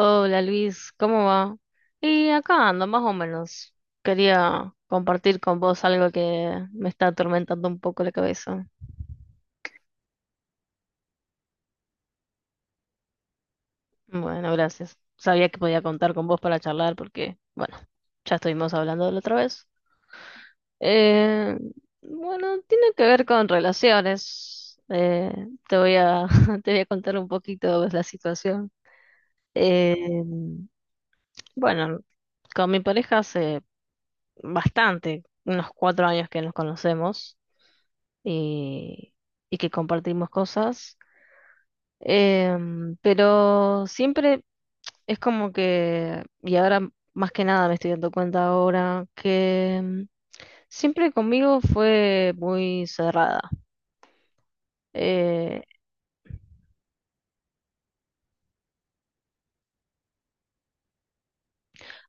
Hola Luis, ¿cómo va? Y acá ando, más o menos. Quería compartir con vos algo que me está atormentando un poco la cabeza. Bueno, gracias. Sabía que podía contar con vos para charlar porque, bueno, ya estuvimos hablando de la otra vez. Eh, bueno, tiene que ver con relaciones. Te voy a, te voy a contar un poquito la situación. Eh, bueno, con mi pareja hace bastante, unos cuatro años que nos conocemos. Y, y que compartimos cosas. Pero siempre es como que, y ahora más que nada me estoy dando cuenta ahora, que siempre conmigo fue muy cerrada. Eh,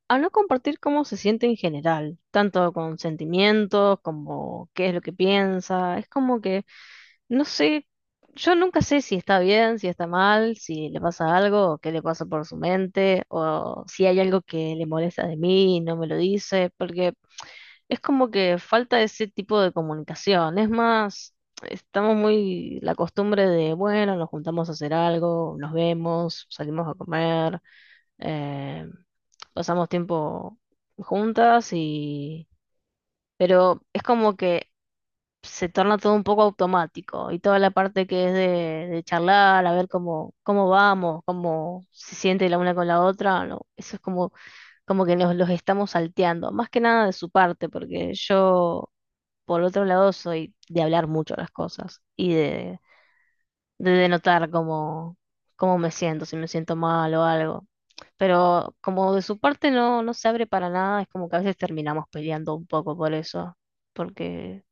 Al no compartir cómo se siente en general, tanto con sentimientos como qué es lo que piensa, es como que no sé, yo nunca sé si está bien, si está mal, si le pasa algo, o qué le pasa por su mente, o si hay algo que le molesta de mí y no me lo dice, porque es como que falta ese tipo de comunicación. Es más, estamos muy la costumbre de, bueno, nos juntamos a hacer algo, nos vemos, salimos a comer, eh, pasamos tiempo juntas y... Pero es como que se torna todo un poco automático y toda la parte que es de charlar, a ver cómo, cómo vamos, cómo se siente la una con la otra, no, eso es como, como que los estamos salteando, más que nada de su parte, porque yo, por otro lado, soy de hablar mucho las cosas y de denotar cómo, cómo me siento, si me siento mal o algo. Pero como de su parte no, no se abre para nada, es como que a veces terminamos peleando un poco por eso, porque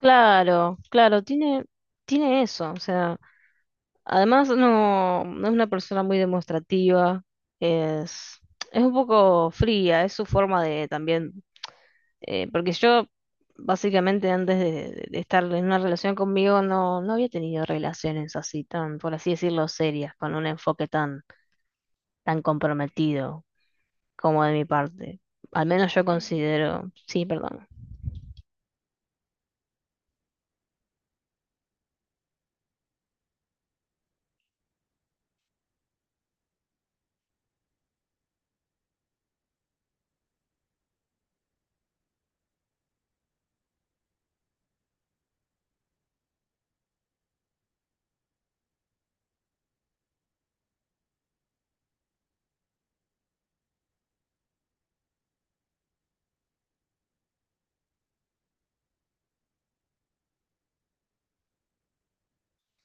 claro, claro, tiene, tiene eso, o sea, además no, no es una persona muy demostrativa, es, es un poco fría, es su forma de también, porque yo básicamente antes de, de estar en una relación conmigo no, no había tenido relaciones así tan, por así decirlo, serias, con un enfoque tan, tan comprometido como de mi parte. Al menos yo considero, sí, perdón.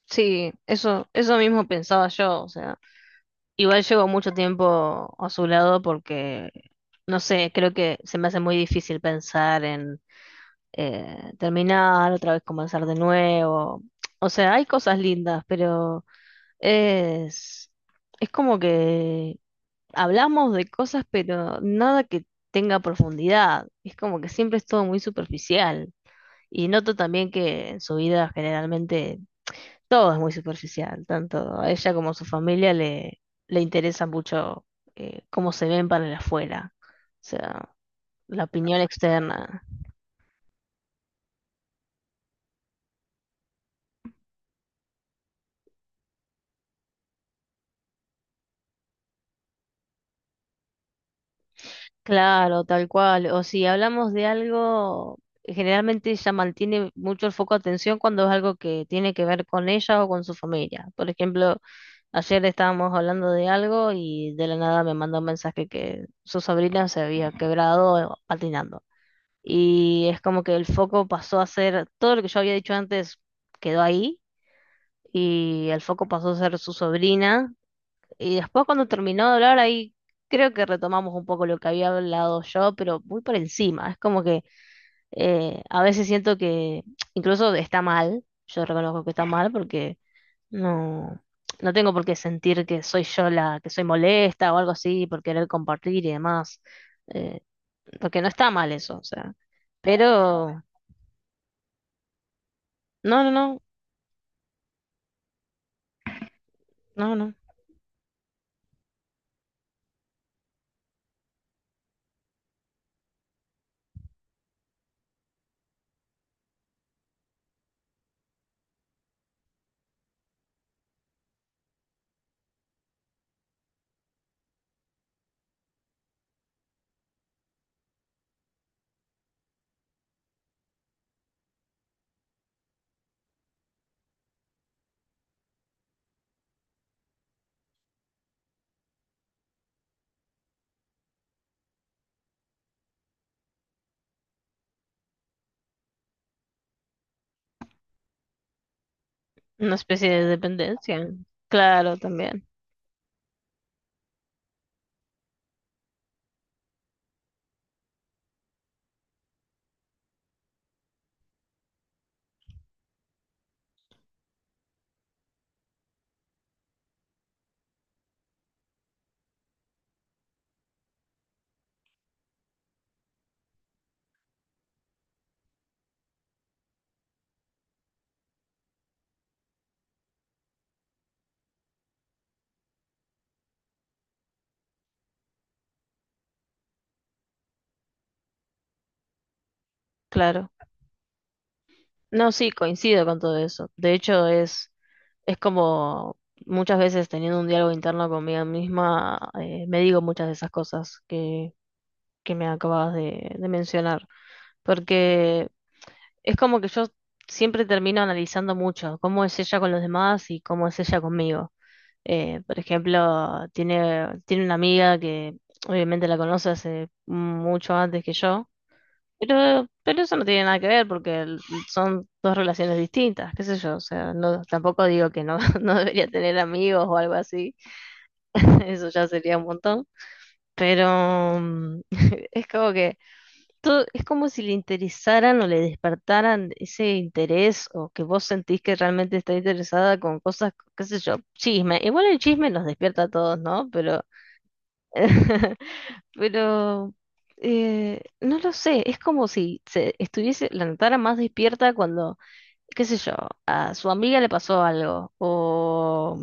Sí, eso mismo pensaba yo, o sea. Igual llevo mucho tiempo a su lado porque, no sé, creo que se me hace muy difícil pensar en terminar, otra vez comenzar de nuevo. O sea, hay cosas lindas, pero es, es como que hablamos de cosas, pero nada que tenga profundidad. Es como que siempre es todo muy superficial. Y noto también que en su vida generalmente todo es muy superficial, tanto a ella como a su familia le, le interesa mucho cómo se ven para el afuera, o sea, la opinión externa. Claro, tal cual. O si hablamos de algo, generalmente ella mantiene mucho el foco de atención cuando es algo que tiene que ver con ella o con su familia. Por ejemplo, ayer estábamos hablando de algo y de la nada me mandó un mensaje que su sobrina se había quebrado patinando. Y es como que el foco pasó a ser, todo lo que yo había dicho antes quedó ahí y el foco pasó a ser su sobrina. Y después cuando terminó de hablar ahí, creo que retomamos un poco lo que había hablado yo, pero muy por encima. Es como que a veces siento que incluso está mal, yo reconozco que está mal porque no, no tengo por qué sentir que soy yo la que soy molesta o algo así por querer compartir y demás. eh, porque no está mal eso, o sea. Pero... No, no, no, no, no. Una especie de dependencia. Claro, también, claro. No, sí, coincido con todo eso. De hecho, es como muchas veces teniendo un diálogo interno conmigo misma, me digo muchas de esas cosas que me acabas de mencionar. Porque es como que yo siempre termino analizando mucho cómo es ella con los demás y cómo es ella conmigo. Por ejemplo, tiene, tiene una amiga que obviamente la conoce hace mucho antes que yo, pero eso no tiene nada que ver porque son dos relaciones distintas, qué sé yo, o sea, no, tampoco digo que no, no debería tener amigos o algo así, eso ya sería un montón, pero es como que es como si le interesaran o le despertaran ese interés o que vos sentís que realmente está interesada con cosas, qué sé yo, chisme. Igual el chisme nos despierta a todos, ¿no? Pero, pero no lo sé, es como si se estuviese, la notara más despierta cuando, qué sé yo, a su amiga le pasó algo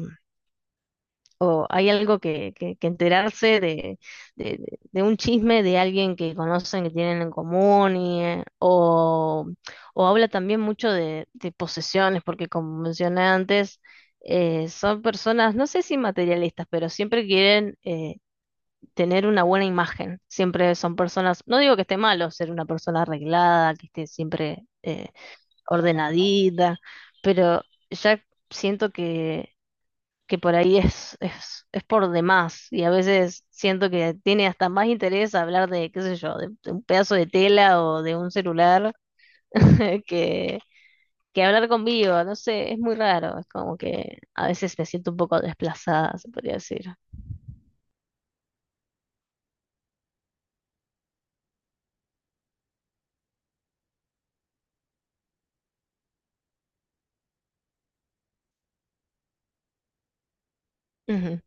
o hay algo que enterarse de, de un chisme de alguien que conocen, que tienen en común, y, o habla también mucho de posesiones, porque como mencioné antes, son personas, no sé si materialistas, pero siempre quieren tener una buena imagen, siempre son personas, no digo que esté malo ser una persona arreglada, que esté siempre ordenadita, pero ya siento que por ahí es por demás y a veces siento que tiene hasta más interés hablar de, qué sé yo, de un pedazo de tela o de un celular que, que hablar conmigo, no sé, es muy raro, es como que a veces me siento un poco desplazada, se podría decir. Ujú,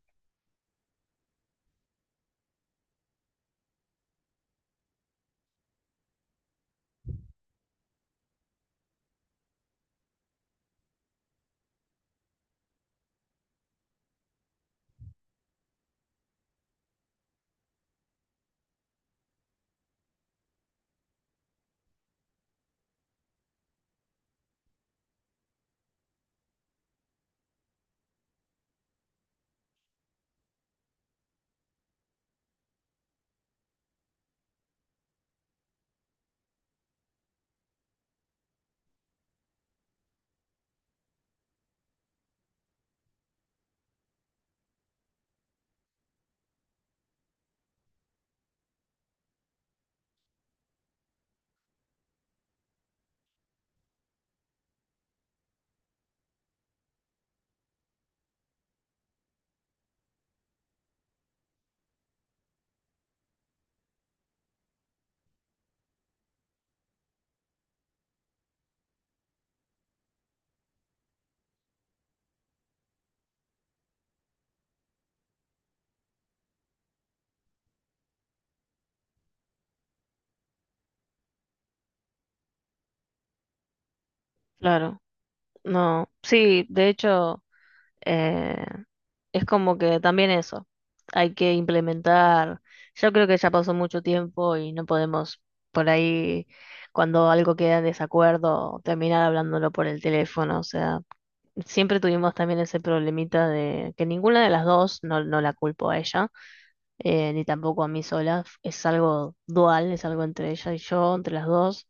claro. No, sí, de hecho, eh, es como que también eso, hay que implementar, yo creo que ya pasó mucho tiempo y no podemos por ahí, cuando algo queda en desacuerdo, terminar hablándolo por el teléfono, o sea, siempre tuvimos también ese problemita de que ninguna de las dos, no, no la culpo a ella, ni tampoco a mí sola, es algo dual, es algo entre ella y yo, entre las dos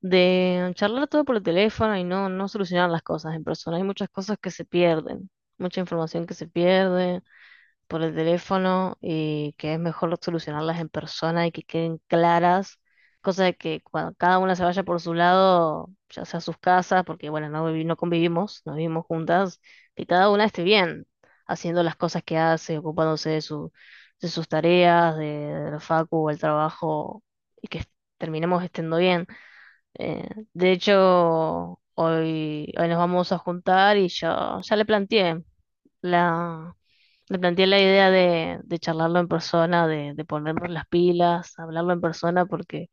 de charlar todo por el teléfono y no, no solucionar las cosas en persona. Hay muchas cosas que se pierden, mucha información que se pierde por el teléfono y que es mejor solucionarlas en persona y que queden claras, cosa de que cuando cada una se vaya por su lado, ya sea a sus casas, porque bueno, no, no convivimos, no vivimos juntas, que cada una esté bien haciendo las cosas que hace, ocupándose de su, de sus tareas, de la facu o el trabajo, y que terminemos estando bien. Eh, de hecho, hoy, hoy nos vamos a juntar y yo ya la, le planteé la idea de charlarlo en persona, de ponernos las pilas, hablarlo en persona, porque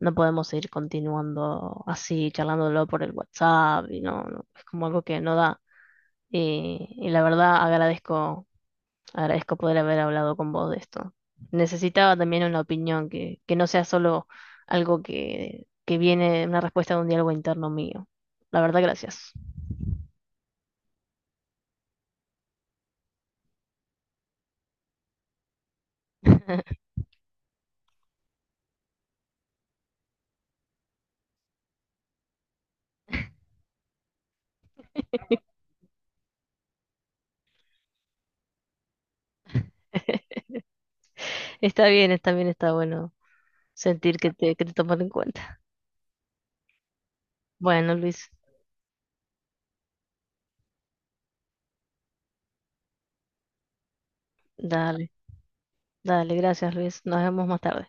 no podemos seguir continuando así, charlándolo por el WhatsApp, y no, no, es como algo que no da. Y la verdad agradezco agradezco poder haber hablado con vos de esto. Necesitaba también una opinión que no sea solo algo que viene, una respuesta de un diálogo interno mío. La verdad, gracias. Está bien, está bien, está bueno sentir que te toman en cuenta. Bueno, Luis, dale, dale, gracias, Luis. Nos vemos más tarde.